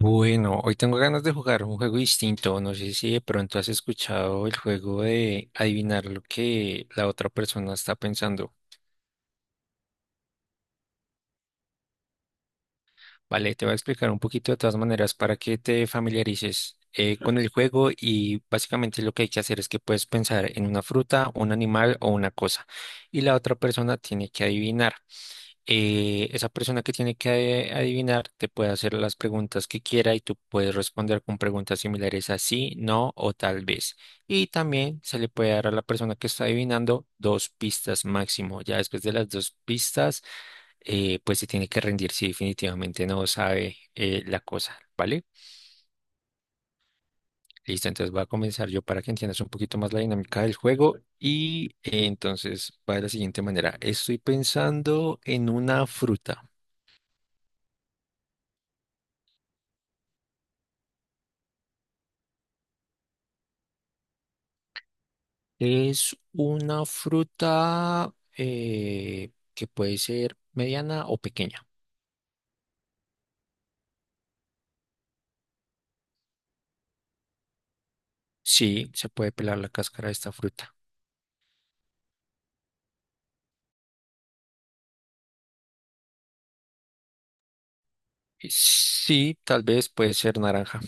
Bueno, hoy tengo ganas de jugar un juego distinto. No sé si de pronto has escuchado el juego de adivinar lo que la otra persona está pensando. Vale, te voy a explicar un poquito de todas maneras para que te familiarices con el juego y básicamente lo que hay que hacer es que puedes pensar en una fruta, un animal o una cosa y la otra persona tiene que adivinar. Esa persona que tiene que adivinar te puede hacer las preguntas que quiera y tú puedes responder con preguntas similares a sí, no o tal vez. Y también se le puede dar a la persona que está adivinando dos pistas máximo. Ya después de las dos pistas, pues se tiene que rendir si definitivamente no sabe la cosa, ¿vale? Listo, entonces voy a comenzar yo para que entiendas un poquito más la dinámica del juego y entonces va de la siguiente manera. Estoy pensando en una fruta. Es una fruta que puede ser mediana o pequeña. Sí, se puede pelar la cáscara de esta fruta. Sí, tal vez puede ser naranja.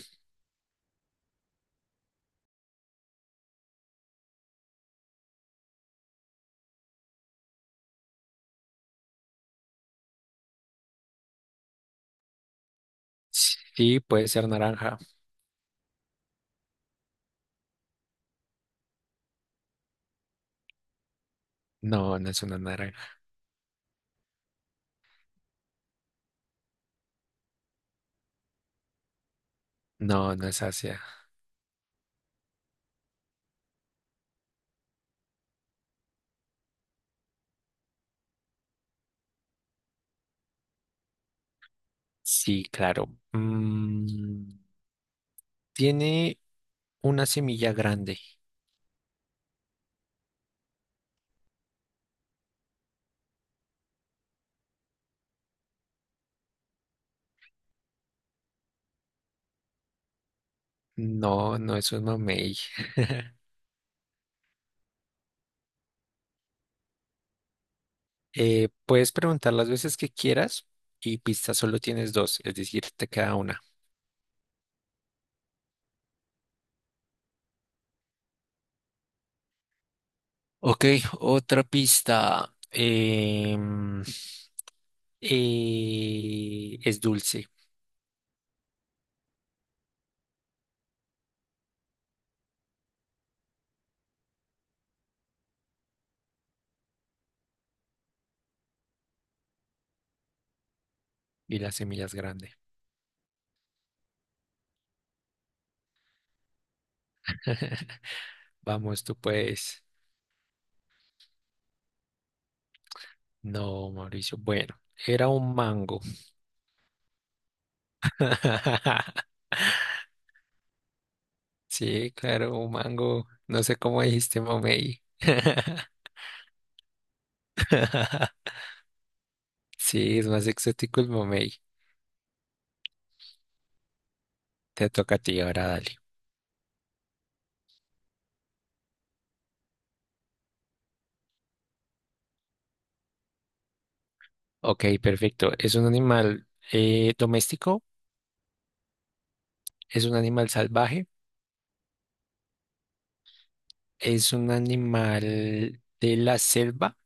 Sí, puede ser naranja. No, no es una naranja. No, no es ácida. Sí, claro. Mm, tiene una semilla grande. No, no es un mamey. Puedes preguntar las veces que quieras y pistas solo tienes dos, es decir, te queda una. Ok, otra pista. Es dulce y las semillas grandes. Vamos, tú puedes. No, Mauricio. Bueno, era un mango. Sí, claro, un mango. No sé cómo dijiste mamey. Sí, es más exótico el mamey. Te toca a ti, ahora dale. Ok, perfecto. ¿Es un animal doméstico? ¿Es un animal salvaje? Es un animal de la selva.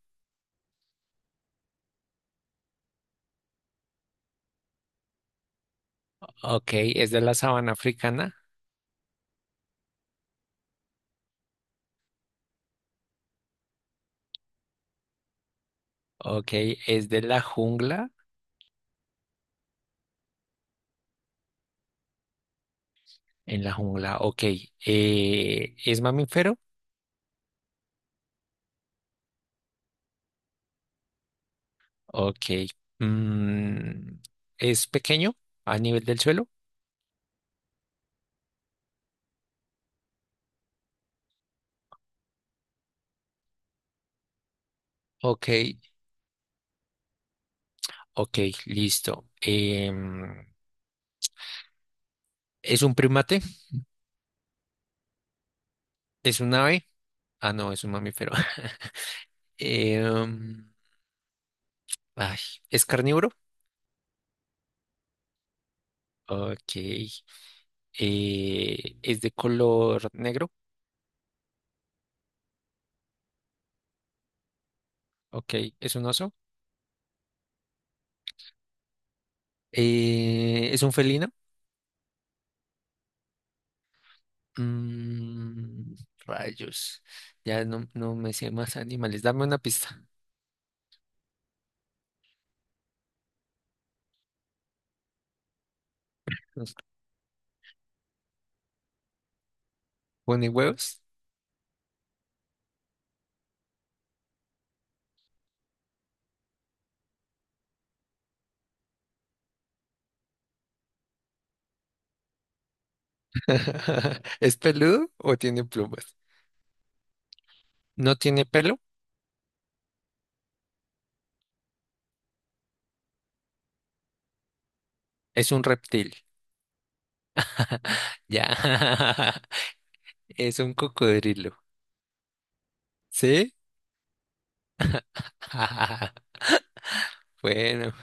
Ok, es de la sabana africana. Ok, es de la jungla, en la jungla. Ok, es mamífero. Ok, mm, es pequeño a nivel del suelo. Ok, ok, listo. Es un primate, es un ave, ah, no, es un mamífero. Em, Ay, es carnívoro. Ok, es de color negro. Ok, es un oso. Es un felino. Mm, rayos. Ya no, no me sé más animales. Dame una pista. ¿Pone huevos? ¿Es peludo o tiene plumas? No tiene pelo. Es un reptil. Ya. Es un cocodrilo. ¿Sí? Bueno.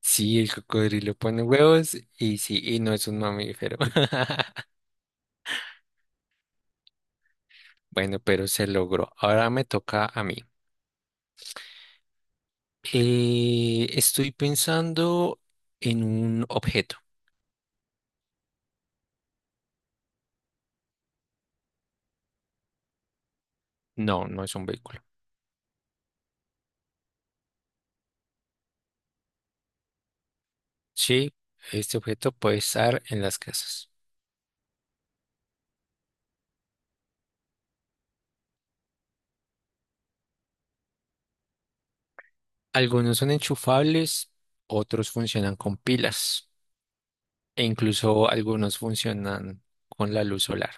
Sí, el cocodrilo pone huevos y sí, y no es un mamífero. Bueno, pero se logró. Ahora me toca a mí. Estoy pensando en un objeto. No, no es un vehículo. Sí, este objeto puede estar en las casas. Algunos son enchufables, otros funcionan con pilas e incluso algunos funcionan con la luz solar.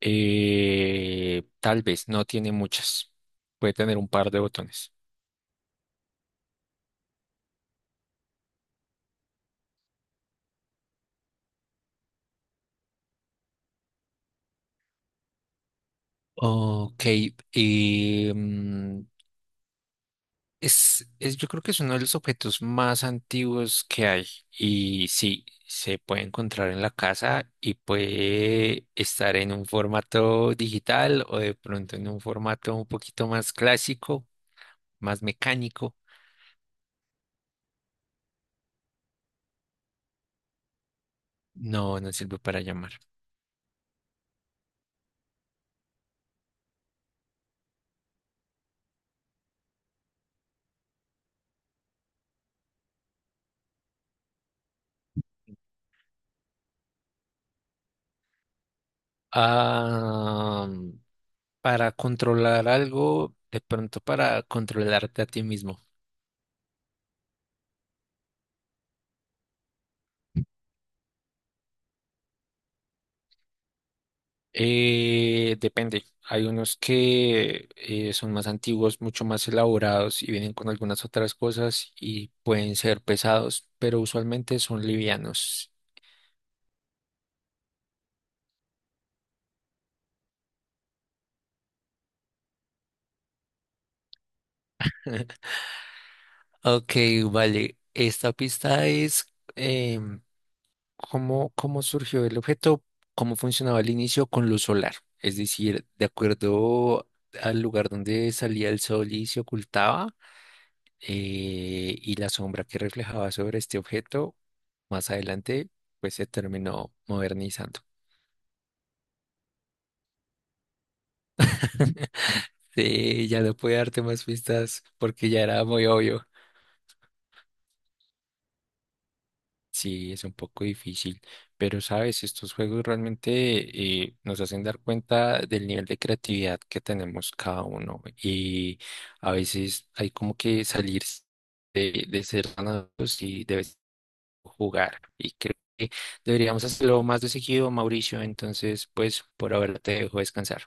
Tal vez no tiene muchas. Puede tener un par de botones. Ok, em, es, yo creo que es uno de los objetos más antiguos que hay y sí, se puede encontrar en la casa y puede estar en un formato digital o de pronto en un formato un poquito más clásico, más mecánico. No, no sirve para llamar. Ah, para controlar algo, de pronto para controlarte a ti mismo. Depende. Hay unos que son más antiguos, mucho más elaborados y vienen con algunas otras cosas y pueden ser pesados, pero usualmente son livianos. Ok, vale. Esta pista es em, ¿cómo, cómo surgió el objeto? ¿Cómo funcionaba al inicio con luz solar? Es decir, de acuerdo al lugar donde salía el sol y se ocultaba, y la sombra que reflejaba sobre este objeto más adelante pues se terminó modernizando. Sí, ya no pude darte más pistas porque ya era muy obvio. Sí, es un poco difícil, pero sabes, estos juegos realmente nos hacen dar cuenta del nivel de creatividad que tenemos cada uno y a veces hay como que salir de ser ganados y de vez jugar. Y creo que deberíamos hacerlo más de seguido, Mauricio. Entonces, pues por ahora te dejo descansar.